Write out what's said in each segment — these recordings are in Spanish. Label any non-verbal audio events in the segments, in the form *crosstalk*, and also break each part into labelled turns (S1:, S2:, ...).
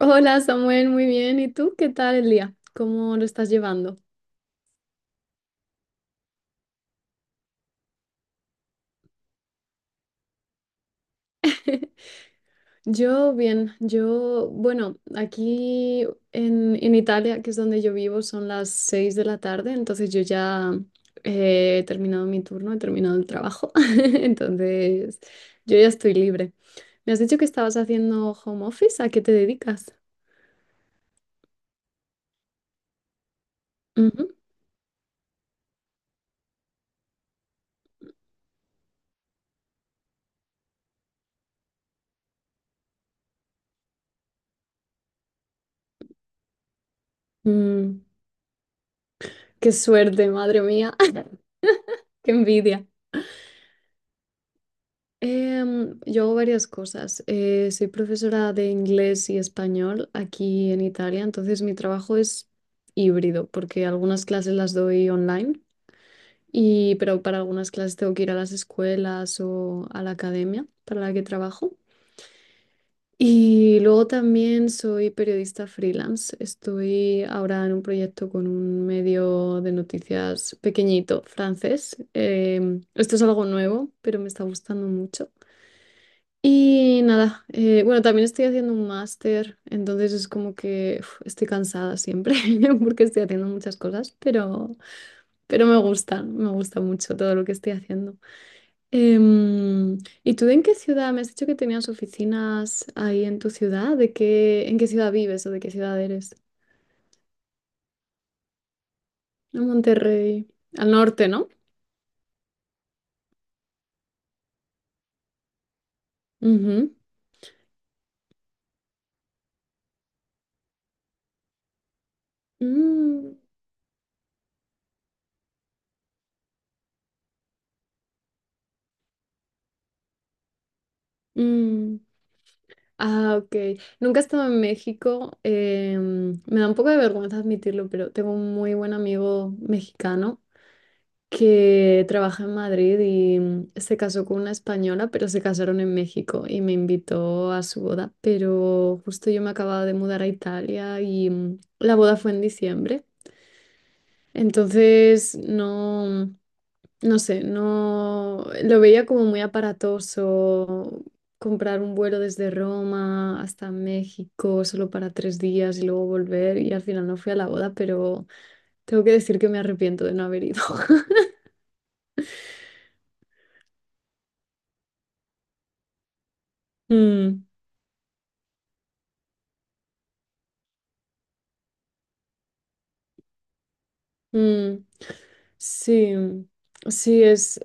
S1: Hola Samuel, muy bien. ¿Y tú qué tal el día? ¿Cómo lo estás llevando? *laughs* Yo bien, bueno, aquí en Italia, que es donde yo vivo, son las 6 de la tarde, entonces yo ya he terminado mi turno, he terminado el trabajo, *laughs* entonces yo ya estoy libre. Me has dicho que estabas haciendo home office, ¿a qué te dedicas? Ujú. Mm, Qué suerte, madre mía, *laughs* qué envidia. Yo hago varias cosas. Soy profesora de inglés y español aquí en Italia, entonces mi trabajo es híbrido porque algunas clases las doy online, pero para algunas clases tengo que ir a las escuelas o a la academia para la que trabajo. Y luego también soy periodista freelance. Estoy ahora en un proyecto con un medio de noticias pequeñito francés. Esto es algo nuevo, pero me está gustando mucho. Y nada, bueno, también estoy haciendo un máster, entonces es como que uf, estoy cansada siempre *laughs* porque estoy haciendo muchas cosas, pero me gustan, me gusta mucho todo lo que estoy haciendo. Em, ¿Y tú en qué ciudad? Me has dicho que tenías oficinas ahí en tu ciudad, ¿de qué, en qué ciudad vives o de qué ciudad eres? En Monterrey, al norte, ¿no? Ujú. Mm, mm. Ah, ok. Nunca he estado en México. Me da un poco de vergüenza admitirlo, pero tengo un muy buen amigo mexicano que trabaja en Madrid y se casó con una española, pero se casaron en México y me invitó a su boda. Pero justo yo me acababa de mudar a Italia y la boda fue en diciembre. Entonces, no. No sé, no lo veía como muy aparatoso comprar un vuelo desde Roma hasta México solo para 3 días y luego volver y al final no fui a la boda, pero tengo que decir que me arrepiento de no haber ido. *laughs* Mm, mm. Sí, sí, es.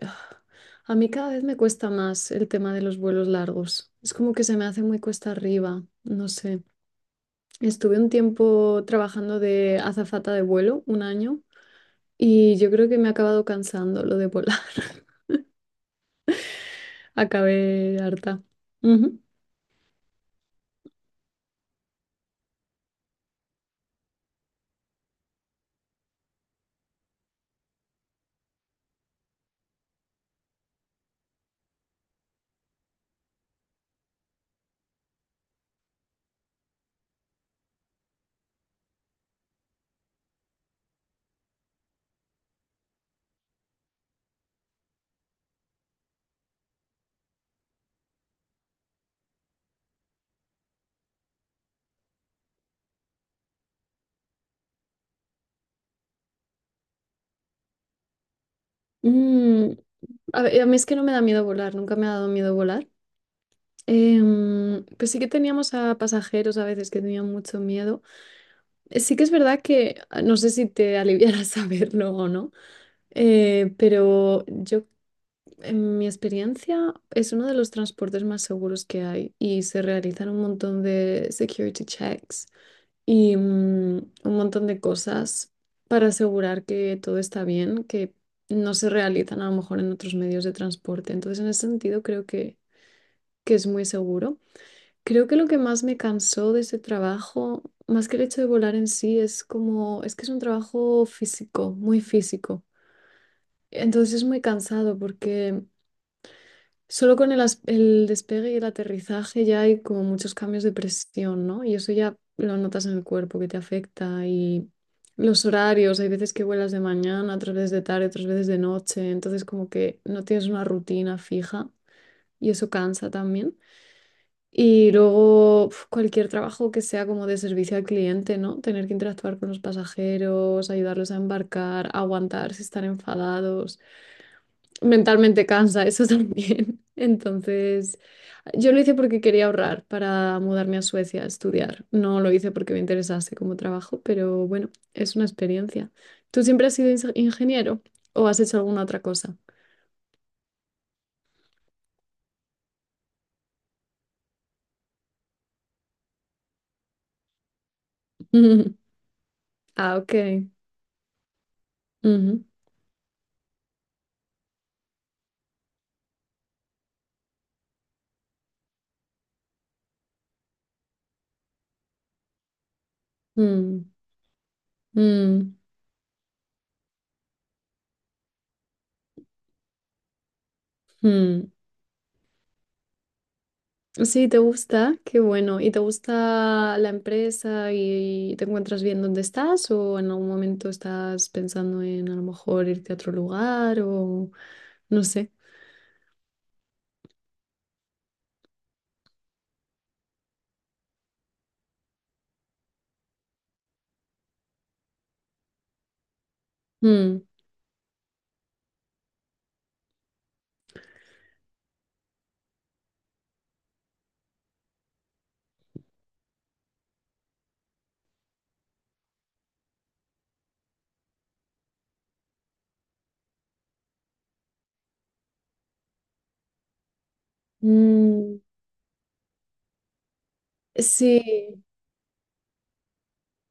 S1: A mí cada vez me cuesta más el tema de los vuelos largos. Es como que se me hace muy cuesta arriba, no sé. Estuve un tiempo trabajando de azafata de vuelo, un año, y yo creo que me ha acabado cansando lo de volar. *laughs* Acabé harta. Ujú. Mm, a ver, a mí es que no me da miedo volar, nunca me ha dado miedo volar. Pues sí que teníamos a pasajeros a veces que tenían mucho miedo. Sí que es verdad que no sé si te aliviará *laughs* saberlo o no, pero en mi experiencia, es uno de los transportes más seguros que hay y se realizan un montón de security checks. Y un montón de cosas para asegurar que todo está bien, que no se realizan a lo mejor en otros medios de transporte. Entonces, en ese sentido, creo que es muy seguro. Creo que lo que más me cansó de ese trabajo, más que el hecho de volar en sí, es como, es que es un trabajo físico, muy físico. Entonces es muy cansado porque solo con el despegue y el aterrizaje ya hay como muchos cambios de presión, ¿no? Y eso ya lo notas en el cuerpo que te afecta y los horarios, hay veces que vuelas de mañana, otras veces de tarde, otras veces de noche, entonces como que no tienes una rutina fija y eso cansa también. Y luego uf, cualquier trabajo que sea como de servicio al cliente, ¿no? Tener que interactuar con los pasajeros, ayudarlos a embarcar, aguantar si están enfadados mentalmente cansa eso también. *laughs* Entonces, yo lo hice porque quería ahorrar para mudarme a Suecia a estudiar. No lo hice porque me interesase como trabajo, pero bueno, es una experiencia. ¿Tú siempre has sido ingeniero o has hecho alguna otra cosa? *laughs* Ah, ok. Ujú. Mm, mm, mm. Sí, te gusta, qué bueno. ¿Y te gusta la empresa y te encuentras bien donde estás o en algún momento estás pensando en a lo mejor irte a otro lugar o no sé? Mm, mm, sí.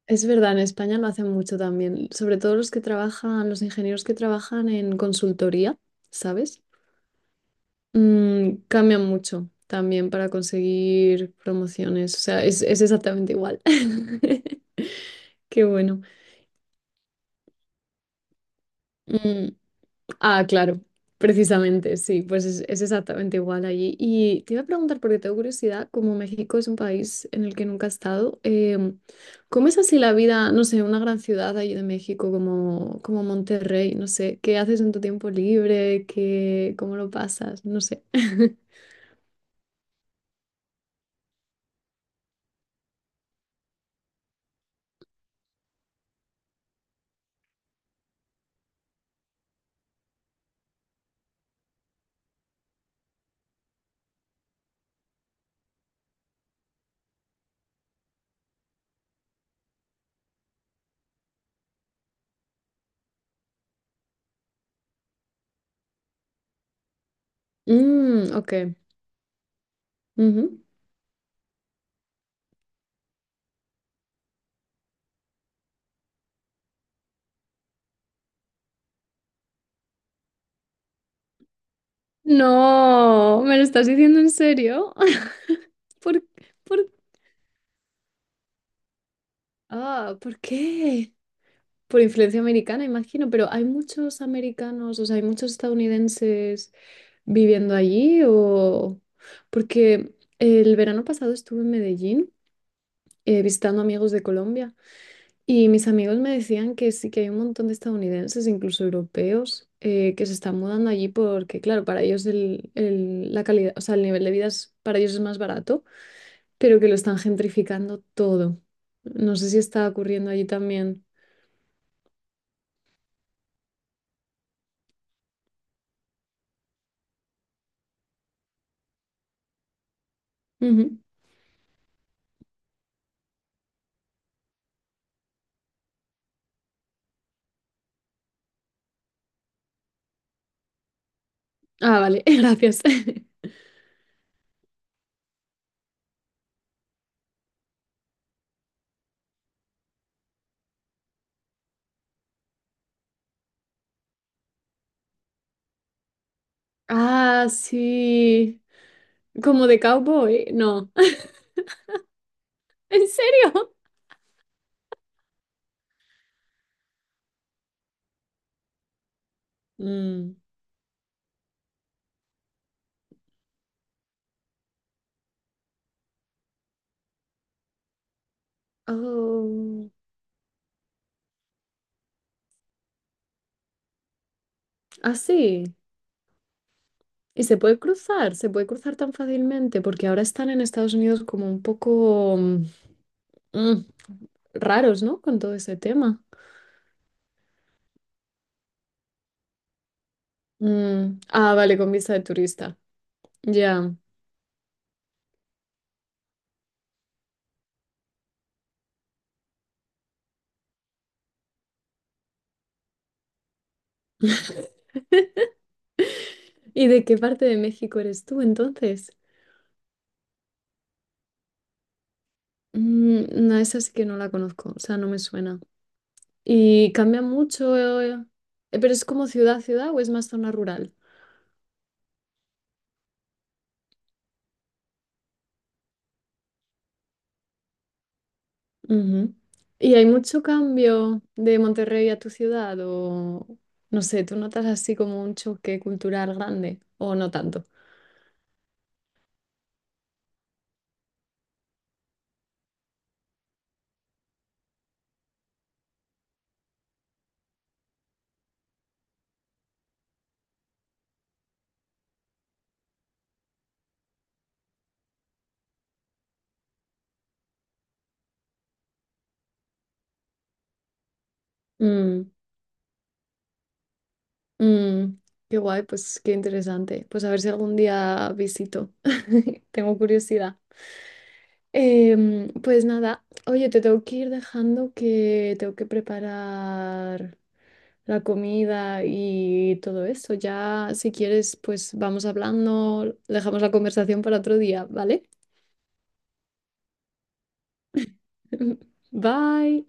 S1: Es verdad, en España lo hacen mucho también, sobre todo los que trabajan, los ingenieros que trabajan en consultoría, ¿sabes? Cambian mucho también para conseguir promociones, o sea, es exactamente igual. *laughs* Qué bueno. Mm, Ah, claro, precisamente, sí, pues es exactamente igual allí. Y te iba a preguntar, porque tengo curiosidad, como México es un país en el que nunca he estado, ¿cómo es así la vida, no sé, en una gran ciudad allí de México como, como Monterrey? No sé, ¿qué haces en tu tiempo libre? ¿Qué, cómo lo pasas? No sé. *laughs* Mm, ok. Ujú. No, ¿me lo estás diciendo en serio? *laughs* ¿Por, por, ¿Por qué? Por influencia americana, imagino, pero ¿hay muchos americanos, o sea, hay muchos estadounidenses viviendo allí o...? Porque el verano pasado estuve en Medellín visitando amigos de Colombia y mis amigos me decían que sí que hay un montón de estadounidenses, incluso europeos, que se están mudando allí porque, claro, para ellos la calidad, o sea, el nivel de vida es, para ellos es más barato, pero que lo están gentrificando todo. No sé si está ocurriendo allí también. Ujú. Ah, vale, *laughs* gracias. Ah, sí. Como de cowboy. No. *laughs* ¿En serio? Mm. Oh. Ah, sí. Y se puede cruzar tan fácilmente porque ahora están en Estados Unidos como un poco mm, raros, ¿no? Con todo ese tema. Ah, vale, con visa de turista. Ya. *laughs* ¿Y de qué parte de México eres tú entonces? Mm, no, esa sí que no la conozco, o sea, no me suena. Y cambia mucho, eh, pero es como ciudad a ciudad o es más zona rural. Ujú. Y hay mucho cambio de Monterrey a tu ciudad o no sé, ¿tú notas así como un choque cultural grande o no tanto? Mm, mm, Qué guay, pues qué interesante. Pues a ver si algún día visito. *laughs* Tengo curiosidad. Pues nada, oye, te tengo que ir dejando que tengo que preparar la comida y todo eso. Ya, si quieres, pues vamos hablando, dejamos la conversación para otro día, ¿vale? *laughs* Bye.